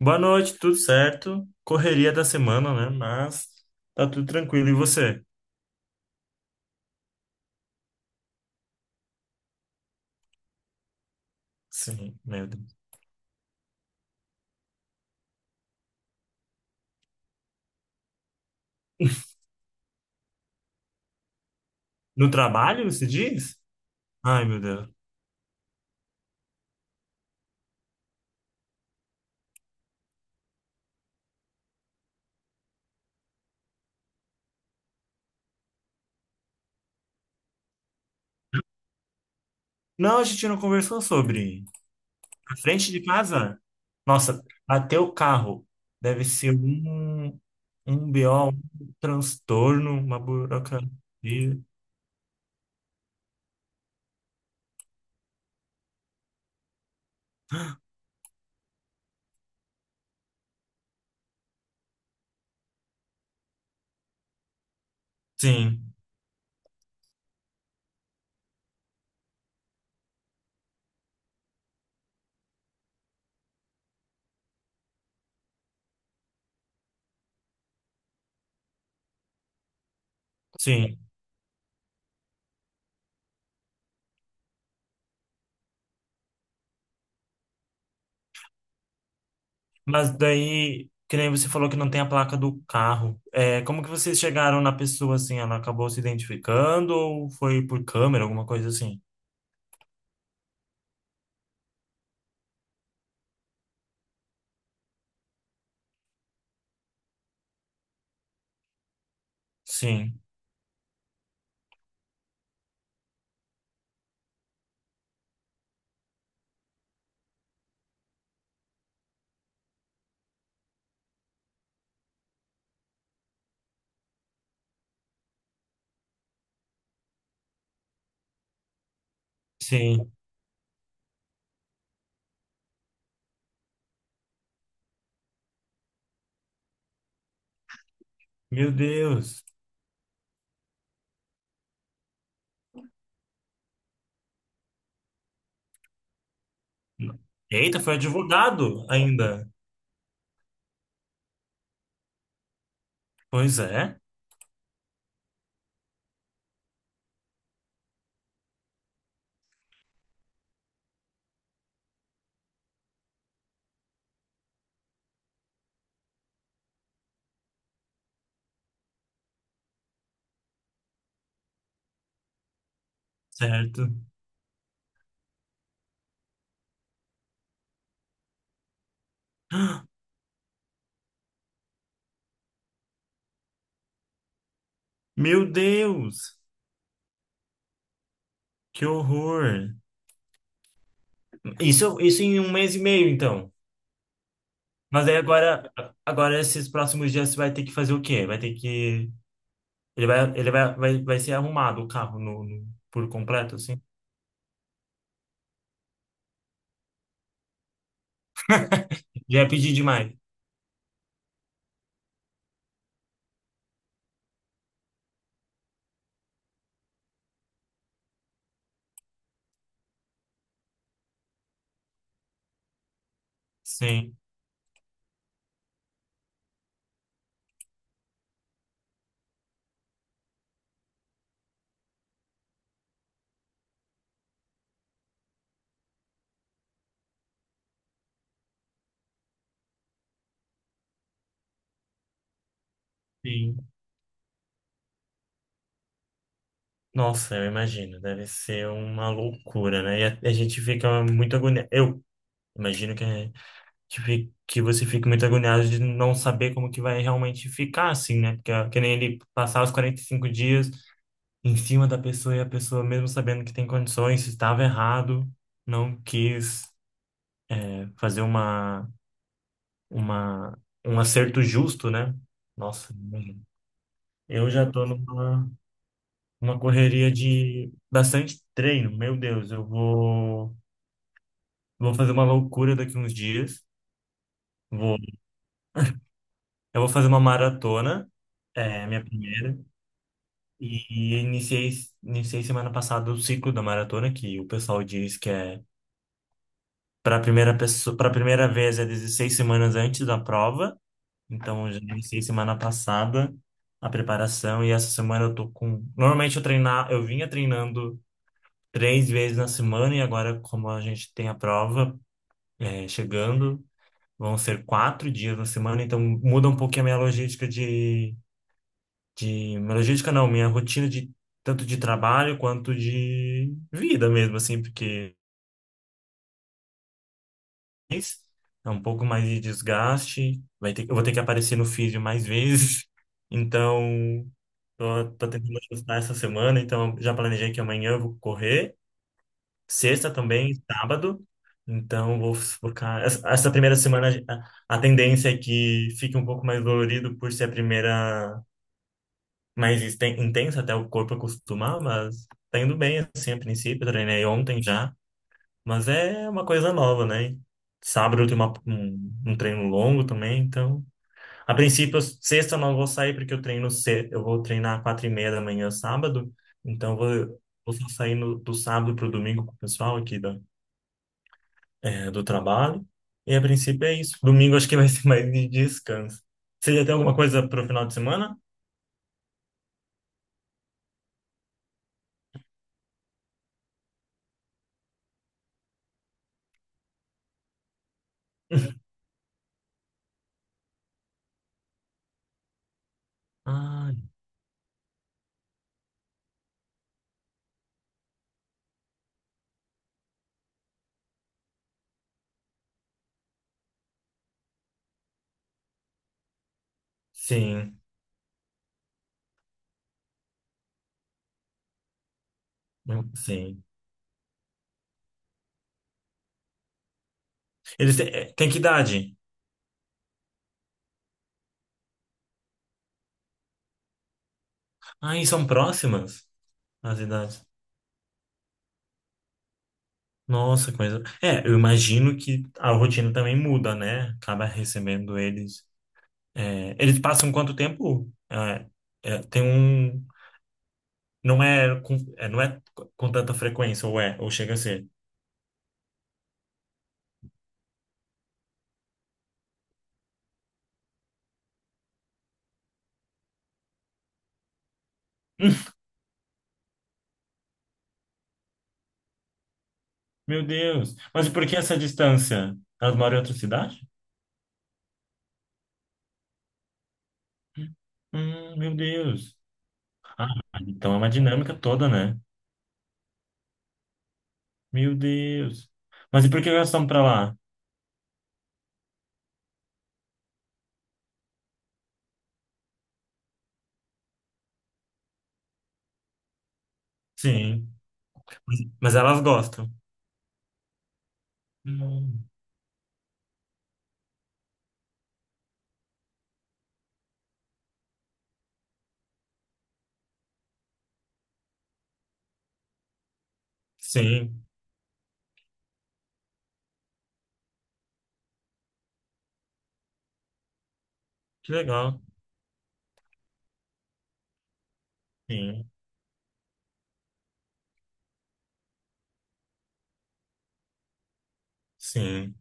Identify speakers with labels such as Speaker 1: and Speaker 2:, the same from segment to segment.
Speaker 1: Boa noite, tudo certo? Correria da semana, né? Mas tá tudo tranquilo. E você? Sim, meu Deus. No trabalho, você diz? Ai, meu Deus. Não, a gente não conversou sobre. Na frente de casa? Nossa, até o carro. Deve ser um BO, um transtorno, uma burocracia. Sim, sim. Mas daí, que nem você falou que não tem a placa do carro. É, como que vocês chegaram na pessoa assim? Ela acabou se identificando ou foi por câmera, alguma coisa assim? Sim, sim. Meu Deus. Eita, foi advogado ainda. Pois é, certo. Meu Deus, que horror. Isso em um mês e meio, então. Mas aí agora esses próximos dias você vai ter que fazer o quê? Vai ter que. Ele vai ser arrumado o carro por completo, assim? Já é pedir demais. Sim, sim. Nossa, eu imagino, deve ser uma loucura, né? E a gente fica muito agoniado. Eu imagino que, a gente fi- que você fique muito agoniado de não saber como que vai realmente ficar, assim, né? Porque é que nem ele passar os 45 dias em cima da pessoa e a pessoa, mesmo sabendo que tem condições, estava errado, não quis, né, fazer uma, um acerto justo, né? Nossa, imagino. Eu já tô numa. Uma correria de bastante treino. Meu Deus, eu vou fazer uma loucura daqui uns dias. Vou, eu vou fazer uma maratona, é minha primeira, e iniciei semana passada o ciclo da maratona, que o pessoal diz que é para primeira vez é 16 semanas antes da prova. Então, eu já iniciei semana passada a preparação e essa semana eu tô com. Normalmente eu vinha treinando três vezes na semana, e agora como a gente tem a prova chegando. Vão ser 4 dias na semana, então muda um pouquinho a minha logística. Minha logística não, minha rotina de tanto de trabalho quanto de vida mesmo, assim, porque é um pouco mais de desgaste. Eu vou ter que aparecer no físio mais vezes. Então, tô tentando ajustar essa semana, então já planejei que amanhã eu vou correr. Sexta também, sábado. Então, vou focar. Essa primeira semana, a tendência é que fique um pouco mais dolorido por ser a primeira mais intensa, até o corpo acostumar, mas tá indo bem, assim, a princípio. Eu treinei ontem já, mas é uma coisa nova, né? Sábado eu tenho um treino longo também, então. A princípio, sexta eu não vou sair porque eu treino cedo. Eu vou treinar 4:30 da manhã, sábado. Então, eu vou só sair no, do sábado pro domingo com o pessoal aqui, do trabalho. E a princípio é isso. Domingo acho que vai ser mais de descanso. Você já tem alguma coisa para o final de semana? Ah, sim. Sim. Eles têm que idade? Ah, e são próximas as idades. Nossa, coisa. É, eu imagino que a rotina também muda, né? Acaba recebendo eles. É, eles passam quanto tempo? É, é, tem um. Não é com tanta frequência, ou é, ou chega a ser. Meu Deus. Mas e por que essa distância? Elas moram em outra cidade? Meu Deus. Ah, então é uma dinâmica toda, né? Meu Deus. Mas e por que elas estão pra lá? Sim. Mas elas gostam? Hum, sim. Que legal. Sim. Sim.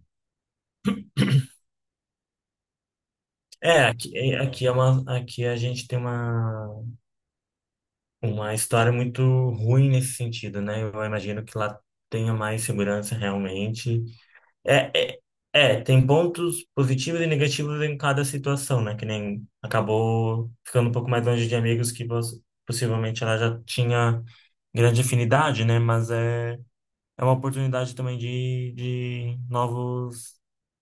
Speaker 1: É, aqui, aqui é uma, aqui a gente tem uma história muito ruim nesse sentido, né? Eu imagino que lá tenha mais segurança realmente. É, é, é, tem pontos positivos e negativos em cada situação, né? Que nem acabou ficando um pouco mais longe de amigos que possivelmente ela já tinha grande afinidade, né? Mas é uma oportunidade também de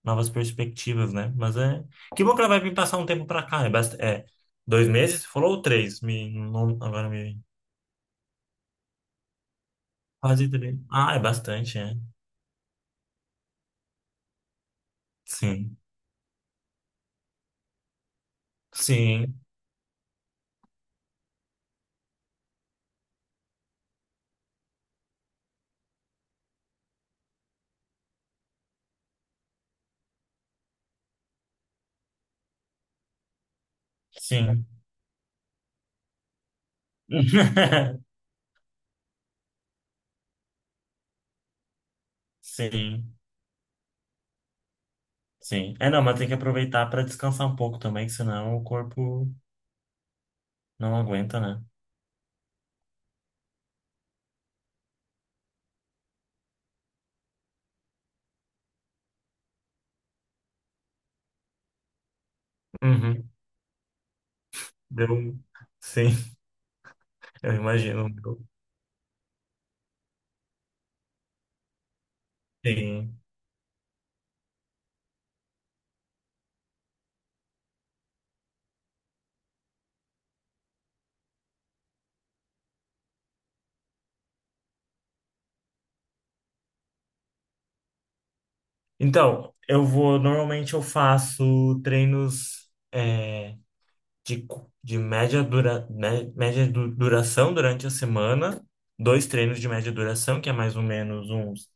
Speaker 1: novas perspectivas, né? Mas é. Que bom que ela vai vir passar um tempo pra cá. É 2 meses? Você falou ou três? Me, não, agora me. Quase três. Ah, é bastante, é. Sim. Sim. Sim. Sim. Sim. É, não, mas tem que aproveitar para descansar um pouco também, que senão o corpo não aguenta, né? Uhum. Deu. Sim, eu imagino. Sim. Então, eu vou. Normalmente eu faço treinos de média duração durante a semana. Dois treinos de média duração, que é mais ou menos uns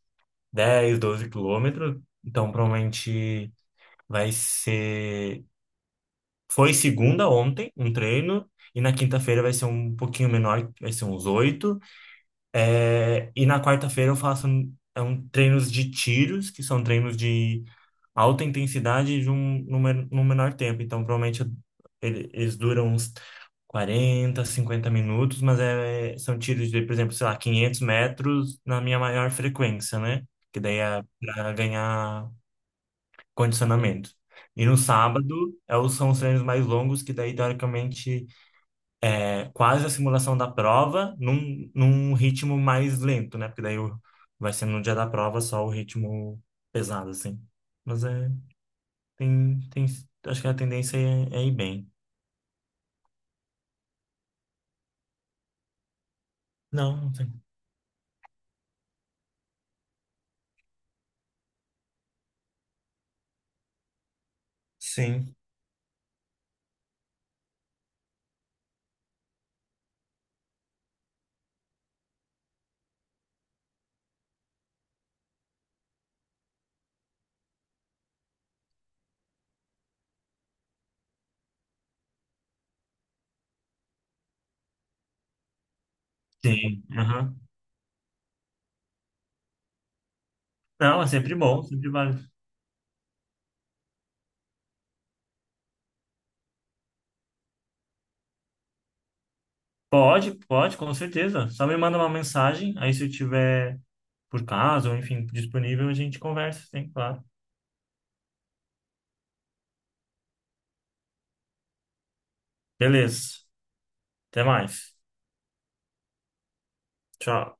Speaker 1: 10 12 quilômetros. Então, provavelmente vai ser. Foi segunda ontem, um treino, e na quinta-feira vai ser um pouquinho menor, vai ser uns oito. É, e na quarta-feira eu faço treinos de tiros, que são treinos de alta intensidade de um, num, men- num menor tempo. Então, provavelmente eles duram uns 40 50 minutos, mas é, são tiros de, por exemplo, sei lá, 500 metros na minha maior frequência, né? Que daí é para ganhar condicionamento. E no sábado, são os treinos mais longos, que daí, teoricamente, é quase a simulação da prova num ritmo mais lento, né? Porque daí vai ser no dia da prova só o ritmo pesado, assim. Mas é, tem, acho que a tendência é ir bem. Não, não sei. Sim. Sim. Aham. Não, é sempre bom, sempre vale. Pode, pode, com certeza. Só me manda uma mensagem, aí se eu tiver, por caso, ou enfim, disponível, a gente conversa, sim, claro. Beleza. Até mais. Tchau.